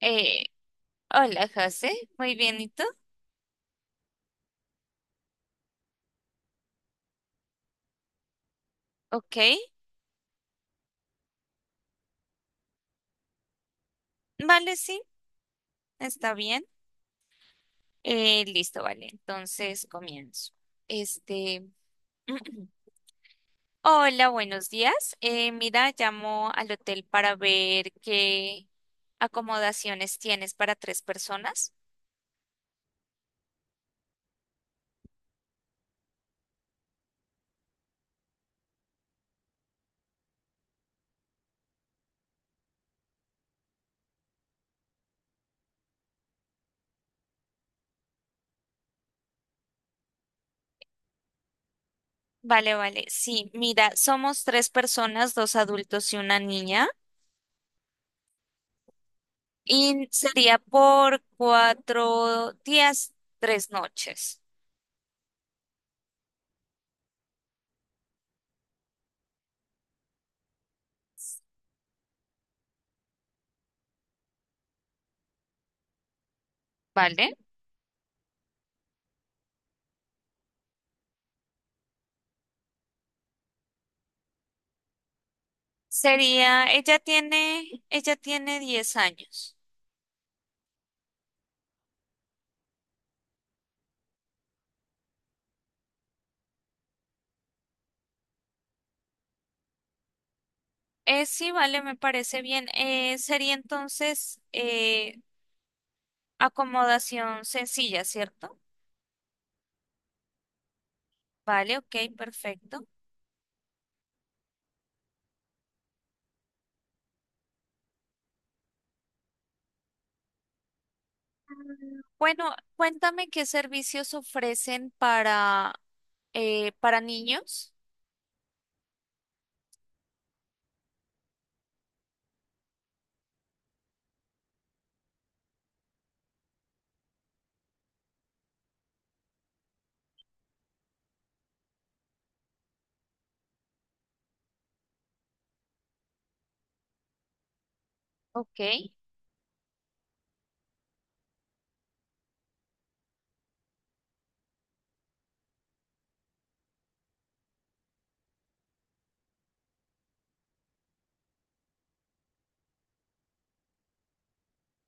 Eh, Hola, José. Muy bien, ¿y tú? Ok. Vale, sí, está bien. Listo, vale. Entonces comienzo. Este. Hola, buenos días. Mira, llamo al hotel para ver qué acomodaciones tienes para tres personas. Vale, vale. Sí, mira, somos tres personas, dos adultos y una niña. Y sería por 4 días, 3 noches. ¿Vale? Sería, ella tiene 10 años. Sí, vale, me parece bien. Sería entonces acomodación sencilla, ¿cierto? Vale, ok, perfecto. Bueno, cuéntame qué servicios ofrecen para niños. Ok,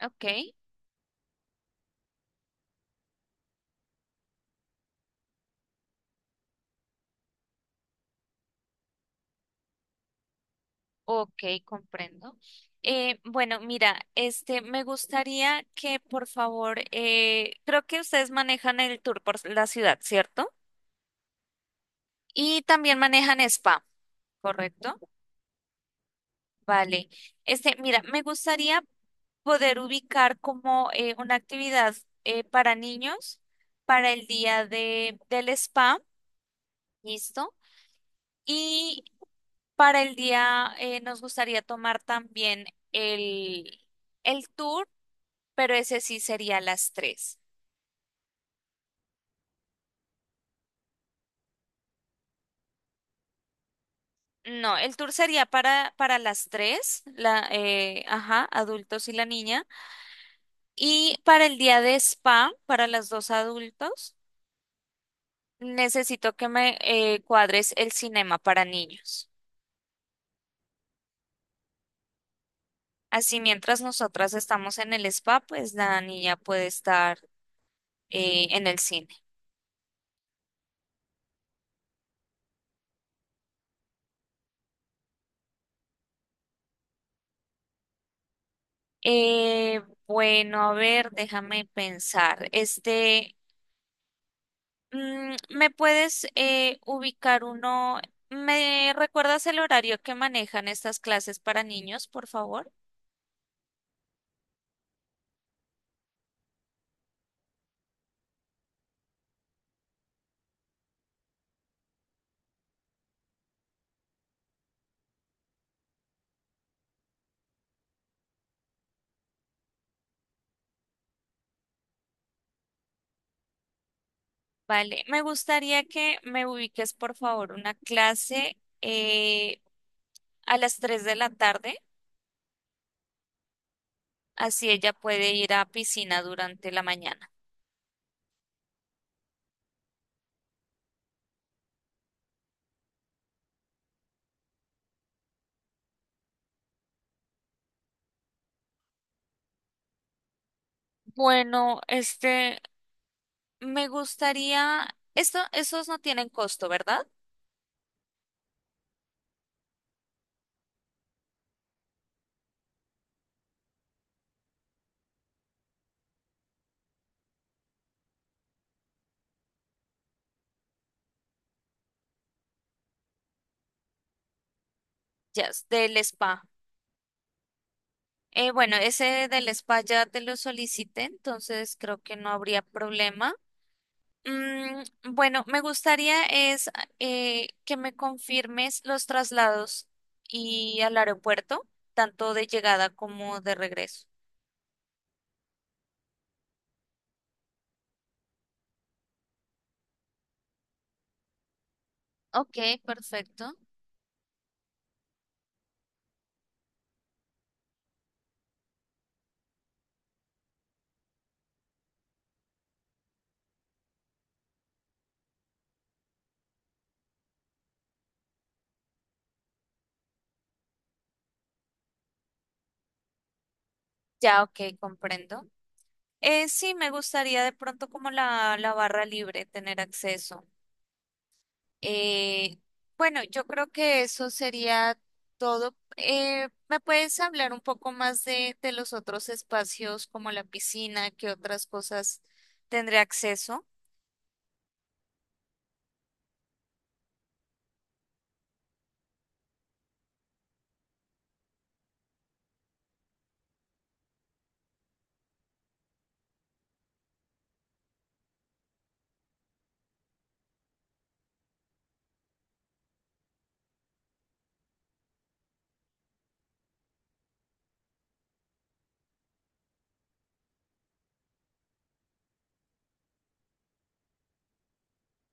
ok, ok, comprendo. Bueno, mira, este, me gustaría que por favor, creo que ustedes manejan el tour por la ciudad, ¿cierto? Y también manejan spa, ¿correcto? Vale. Este, mira, me gustaría poder ubicar como una actividad para niños para el día del spa, ¿listo? Y para el día nos gustaría tomar también el, el tour, pero ese sí sería a las 3. No, el tour sería para las tres, ajá, adultos y la niña. Y para el día de spa, para los dos adultos, necesito que me cuadres el cinema para niños. Así mientras nosotras estamos en el spa, pues la niña puede estar en el cine. Eh, bueno, a ver, déjame pensar. Este, ¿me puedes ubicar uno? ¿Me recuerdas el horario que manejan estas clases para niños, por favor? Vale, me gustaría que me ubiques, por favor, una clase a las 3 de la tarde, así ella puede ir a piscina durante la mañana. Bueno, este, me gustaría, esto, esos no tienen costo, ¿verdad? Ya, es del spa. Bueno, ese del spa ya te lo solicité, entonces creo que no habría problema. Mm, bueno, me gustaría es que me confirmes los traslados y al aeropuerto, tanto de llegada como de regreso. Ok, perfecto. Ya, ok, comprendo. Sí, me gustaría de pronto como la barra libre tener acceso. Eh, bueno, yo creo que eso sería todo. ¿Me puedes hablar un poco más de los otros espacios como la piscina, qué otras cosas tendré acceso?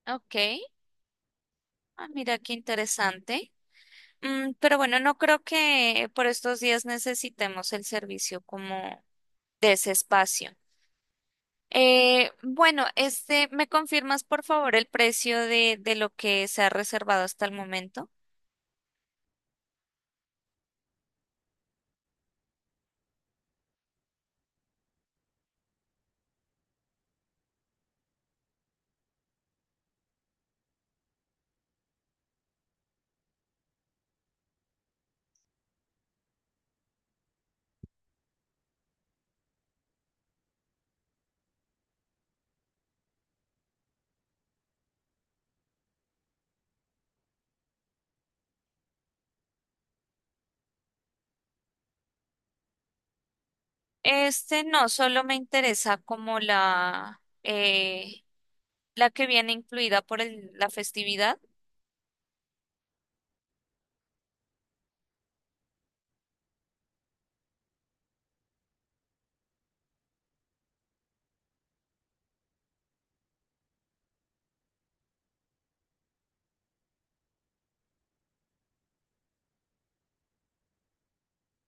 Ok, ah, mira qué interesante. Pero bueno, no creo que por estos días necesitemos el servicio como de ese espacio. Bueno, este, ¿me confirmas por favor el precio de lo que se ha reservado hasta el momento? Este no, solo me interesa como la que viene incluida por la festividad.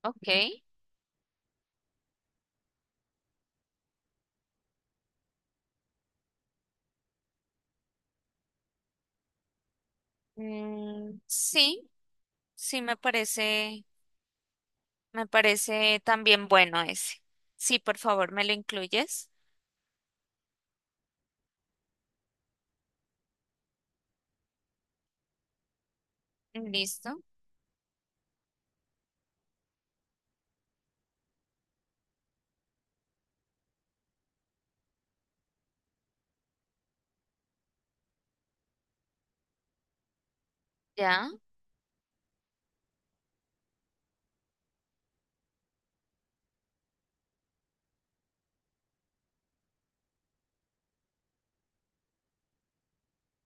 Ok. Mm, sí, sí me parece. Me parece también bueno ese. Sí, por favor, me lo incluyes. Listo. Ya.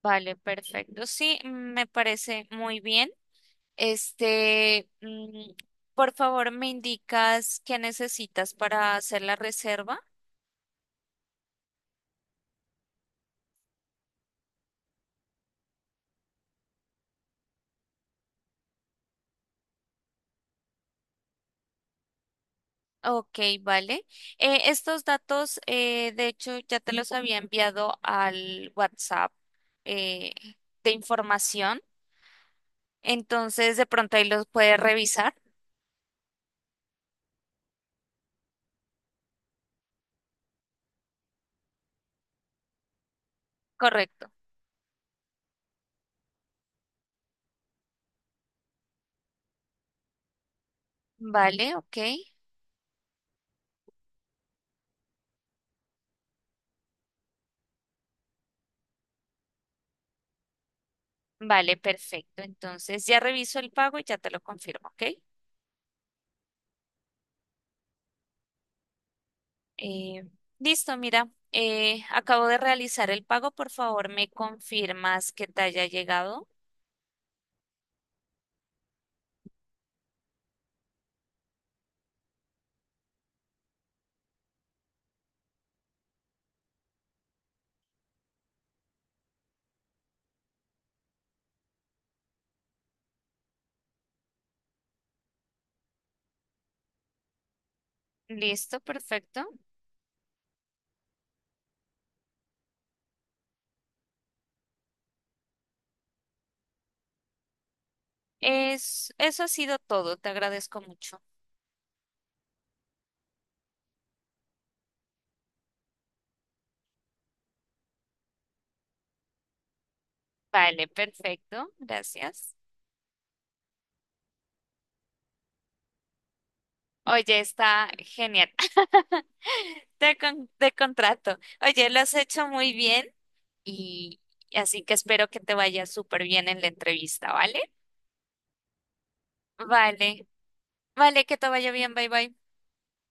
Vale, perfecto. Sí, me parece muy bien. Este, por favor, me indicas qué necesitas para hacer la reserva. Ok, vale. Estos datos, de hecho, ya te los había enviado al WhatsApp eh, de información. Entonces, de pronto ahí los puedes revisar. Correcto. Vale, ok. Vale, perfecto. Entonces ya reviso el pago y ya te lo confirmo, ¿ok? Eh, Listo, mira, acabo de realizar el pago. Por favor, me confirmas que te haya llegado. Listo, perfecto. Eso ha sido todo. Te agradezco mucho. Vale, perfecto. Gracias. Oye, está genial. Te contrato. Oye, lo has hecho muy bien y así que espero que te vaya súper bien en la entrevista, ¿vale? Vale, vale, que te vaya bien. Bye, bye.